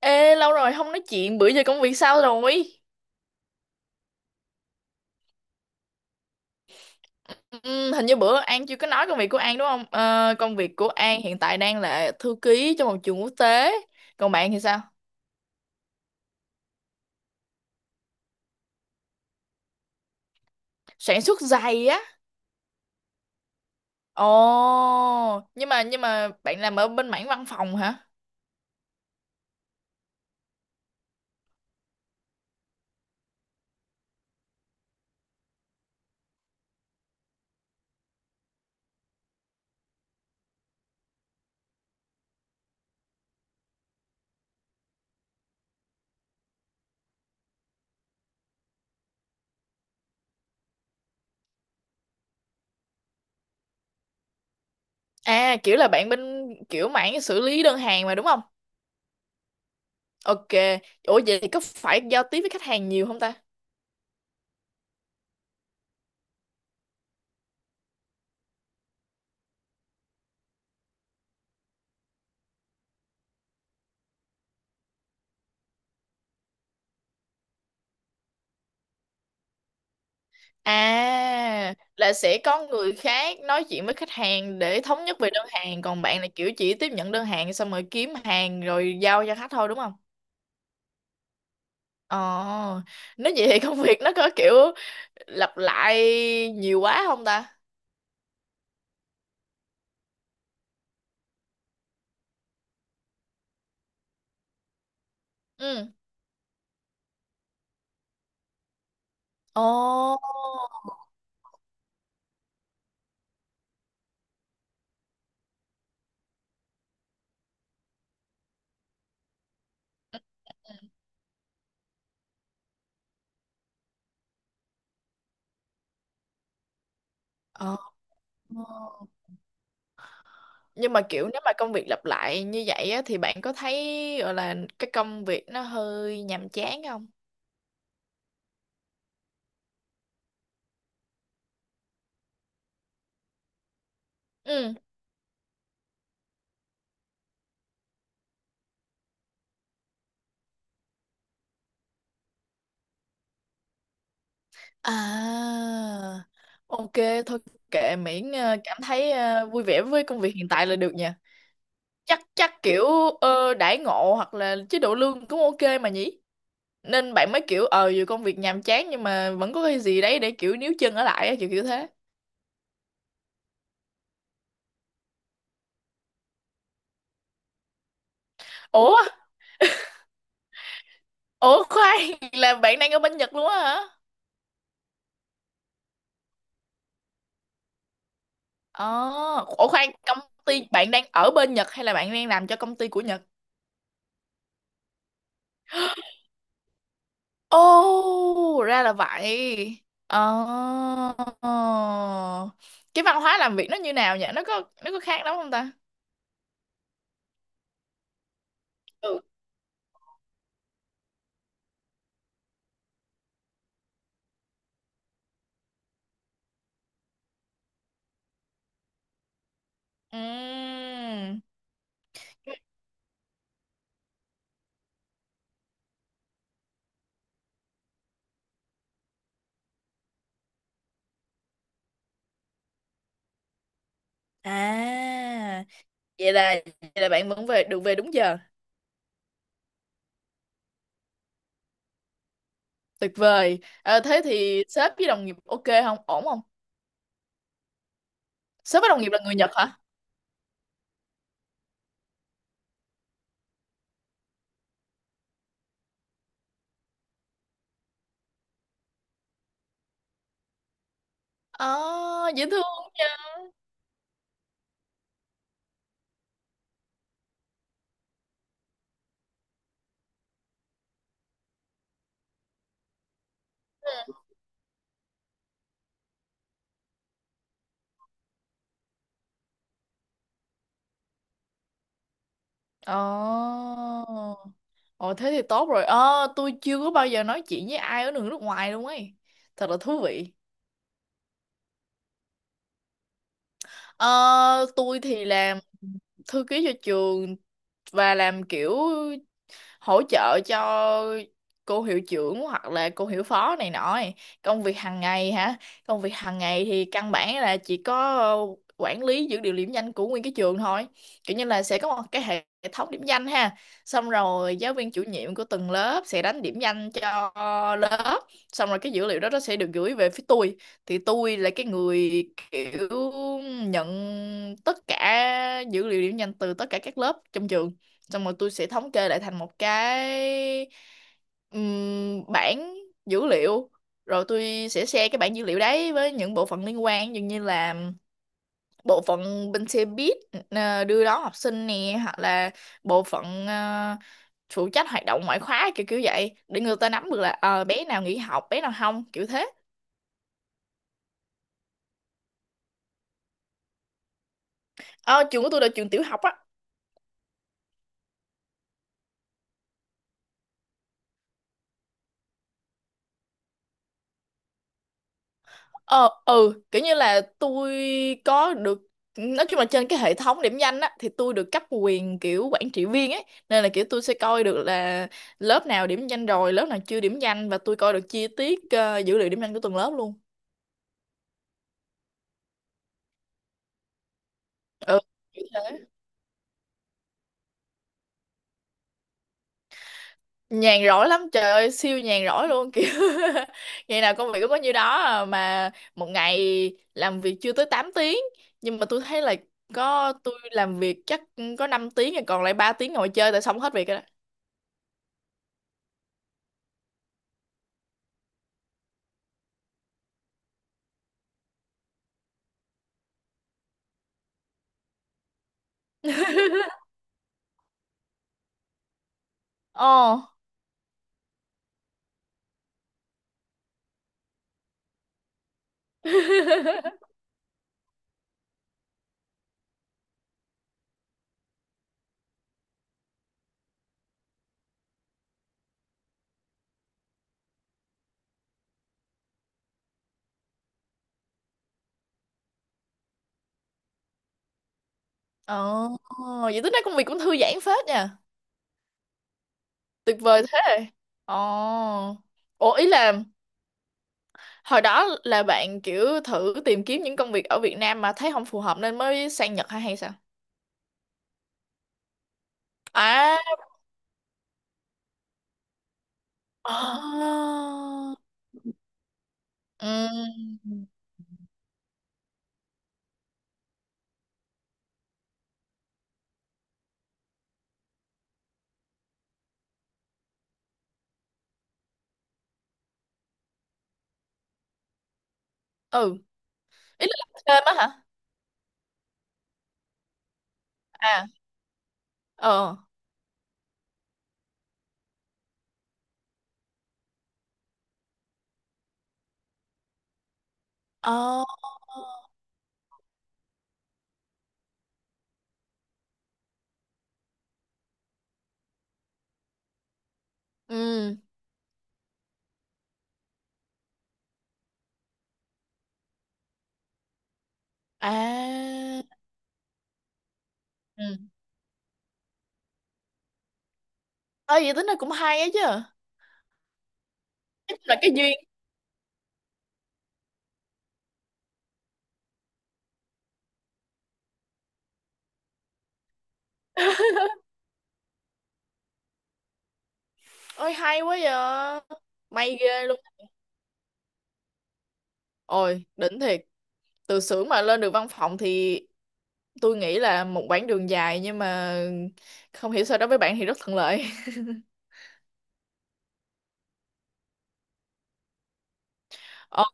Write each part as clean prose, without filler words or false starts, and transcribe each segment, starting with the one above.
Ê, lâu rồi không nói chuyện, bữa giờ công việc sao rồi? Ừ, hình như bữa An chưa có nói công việc của An đúng không? Ờ, Công việc của An hiện tại đang là thư ký cho một trường quốc tế. Còn bạn thì sao? Sản xuất giày á. Ồ, nhưng mà bạn làm ở bên mảng văn phòng hả? À, kiểu là bạn bên kiểu mảng xử lý đơn hàng mà đúng không? Ok. Ủa vậy thì có phải giao tiếp với khách hàng nhiều không ta? À, là sẽ có người khác nói chuyện với khách hàng để thống nhất về đơn hàng, còn bạn là kiểu chỉ tiếp nhận đơn hàng xong rồi kiếm hàng rồi giao cho khách thôi đúng không? Ờ, nếu vậy thì công việc nó có kiểu lặp lại nhiều quá không ta? Ừ. Ồ. Ờ. Nhưng mà kiểu nếu mà công việc lặp lại như vậy á, thì bạn có thấy gọi là cái công việc nó hơi nhàm chán không? Ừ. À, ok, thôi kệ miễn cảm thấy vui vẻ với công việc hiện tại là được nha. Chắc chắc kiểu đãi ngộ hoặc là chế độ lương cũng ok mà nhỉ? Nên bạn mới kiểu dù công việc nhàm chán nhưng mà vẫn có cái gì đấy để kiểu níu chân ở lại á, kiểu kiểu thế. Ủa, ủa khoan, là bạn đang ở bên Nhật luôn á hả? Ờ, ủa khoan, công ty bạn đang ở bên Nhật hay là bạn đang làm cho công ty của Nhật? Ồ, ra là vậy. Ờ. Cái văn hóa làm việc nó như nào nhỉ? Nó có khác lắm không ta? Ừ. Ừm. À, vậy là vậy là bạn vẫn về được về đúng giờ. Tuyệt vời. Ờ, thế thì sếp với đồng nghiệp ok không? Ổn không? Sếp với đồng nghiệp là người Nhật hả? Ờ, dễ thương nha. Ờ. Ồ thế thì tốt rồi. Ờ, tôi chưa có bao giờ nói chuyện với ai ở nước nước ngoài luôn ấy. Thật là thú vị. Ờ, tôi thì làm thư ký cho trường và làm kiểu hỗ trợ cho cô hiệu trưởng hoặc là cô hiệu phó này nọ ấy. Công việc hàng ngày hả? Công việc hàng ngày thì căn bản là chỉ có quản lý dữ liệu điểm danh của nguyên cái trường thôi, kiểu như là sẽ có một cái hệ thống điểm danh ha, xong rồi giáo viên chủ nhiệm của từng lớp sẽ đánh điểm danh cho lớp, xong rồi cái dữ liệu đó nó sẽ được gửi về phía tôi. Thì tôi là cái người kiểu nhận tất cả dữ liệu điểm danh từ tất cả các lớp trong trường, xong rồi tôi sẽ thống kê lại thành một cái bảng dữ liệu, rồi tôi sẽ share cái bảng dữ liệu đấy với những bộ phận liên quan, dường như là bộ phận bên xe buýt đưa đón học sinh nè, hoặc là bộ phận phụ trách hoạt động ngoại khóa kiểu kiểu vậy, để người ta nắm được là bé nào nghỉ học bé nào không, kiểu thế. Ờ, trường của tôi là trường tiểu học á. Ờ, ừ, kiểu như là tôi có được, nói chung là trên cái hệ thống điểm danh á thì tôi được cấp quyền kiểu quản trị viên ấy, nên là kiểu tôi sẽ coi được là lớp nào điểm danh rồi lớp nào chưa điểm danh, và tôi coi được chi tiết dữ liệu điểm danh của từng lớp luôn. Ừ, kiểu thế. Nhàn rỗi lắm trời ơi, siêu nhàn rỗi luôn kiểu ngày nào công việc cũng có nhiêu đó à, mà một ngày làm việc chưa tới 8 tiếng, nhưng mà tôi thấy là có tôi làm việc chắc có 5 tiếng rồi, còn lại 3 tiếng ngồi chơi tại xong hết việc rồi. Ồ, ồ, vậy tính ra công việc cũng thư giãn phết nha. Tuyệt vời thế. Ồ. Ủa ý là hồi đó là bạn kiểu thử tìm kiếm những công việc ở Việt Nam mà thấy không phù hợp nên mới sang Nhật hay hay sao? À. Ồ. Ừ. Ừ. Ý là làm thêm á hả? À. Ờ. Ồ. Ừ. À. Ừ. Ơi vậy tính ra cũng hay á chứ. Chắc là cái duyên. Ôi hay quá vậy. May ghê luôn. Ôi, đỉnh thiệt. Từ xưởng mà lên được văn phòng thì tôi nghĩ là một quãng đường dài, nhưng mà không hiểu sao đối với bạn thì rất thuận lợi. Ờ,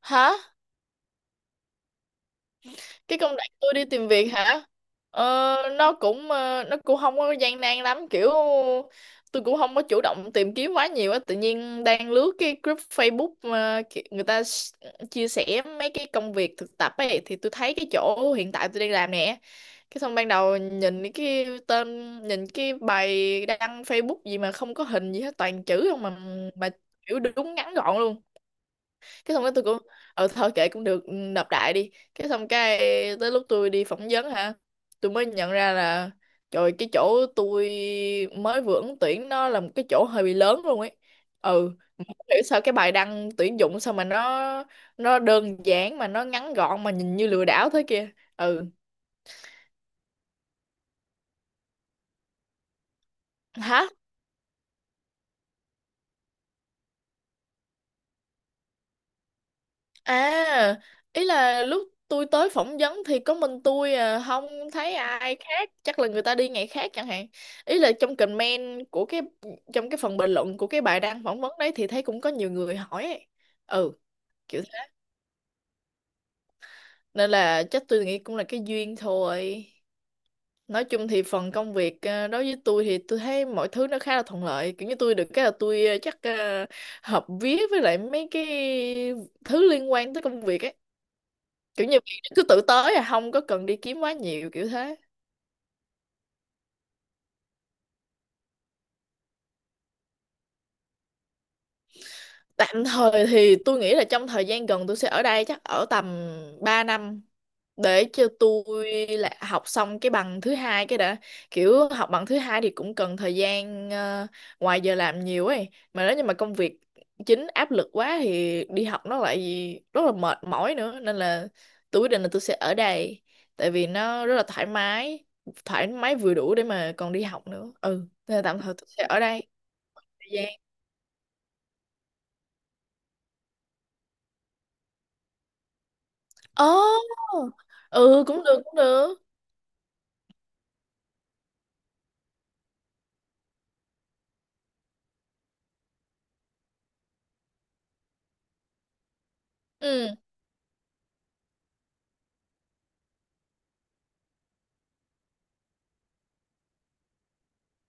hả? Cái công đoạn tôi đi tìm việc hả? Nó cũng nó cũng không có gian nan lắm, kiểu tôi cũng không có chủ động tìm kiếm quá nhiều á, tự nhiên đang lướt cái group Facebook mà người chia sẻ mấy cái công việc thực tập ấy, thì tôi thấy cái chỗ hiện tại tôi đang làm nè. Cái xong ban đầu nhìn cái tên, nhìn cái bài đăng Facebook gì mà không có hình gì hết, toàn chữ không mà, mà kiểu đúng ngắn gọn luôn. Cái xong cái tôi cũng ờ thôi kệ cũng được, ừ, nộp đại đi. Cái xong cái tới lúc tôi đi phỏng vấn hả, tôi mới nhận ra là trời, cái chỗ tôi mới vừa ứng tuyển nó là một cái chỗ hơi bị lớn luôn ấy. Ừ, mà không hiểu sao cái bài đăng tuyển dụng sao mà nó đơn giản mà nó ngắn gọn mà nhìn như lừa đảo thế kia. Ừ. Hả? À, ý là lúc tôi tới phỏng vấn thì có mình tôi à, không thấy ai khác, chắc là người ta đi ngày khác chẳng hạn. Ý là trong comment của cái, trong cái phần bình luận của cái bài đăng phỏng vấn đấy thì thấy cũng có nhiều người hỏi ấy. Ừ, kiểu thế. Nên là chắc tôi nghĩ cũng là cái duyên thôi. Nói chung thì phần công việc à, đối với tôi thì tôi thấy mọi thứ nó khá là thuận lợi. Kiểu như tôi được cái là tôi à, chắc à, hợp vía với lại mấy cái thứ liên quan tới công việc ấy, kiểu như bạn cứ tự tới à, không có cần đi kiếm quá nhiều, kiểu thế. Tạm thời thì tôi nghĩ là trong thời gian gần tôi sẽ ở đây chắc ở tầm 3 năm để cho tôi là học xong cái bằng thứ hai cái đã. Kiểu học bằng thứ hai thì cũng cần thời gian ngoài giờ làm nhiều ấy, mà nếu như mà công việc chính áp lực quá thì đi học nó lại rất là mệt mỏi nữa, nên là tôi quyết định là tôi sẽ ở đây, tại vì nó rất là thoải mái, thoải mái vừa đủ để mà còn đi học nữa. Ừ, nên là tạm thời tôi sẽ ở đây thời gian. Ồ, ừ cũng được cũng được. Ừ,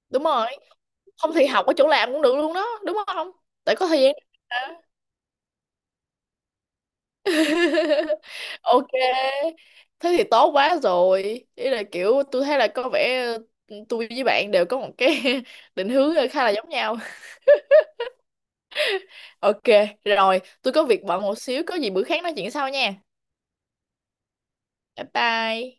đúng rồi. Không thì học ở chỗ làm cũng được luôn đó, đúng không? Tại có thời gian mà. Ok. Thế thì tốt quá rồi. Ý là kiểu tôi thấy là có vẻ ừ, tôi với bạn đều có một cái định hướng khá là giống nhau. Ok, rồi, tôi có việc bận một xíu, có gì bữa khác nói chuyện sau nha. Bye bye.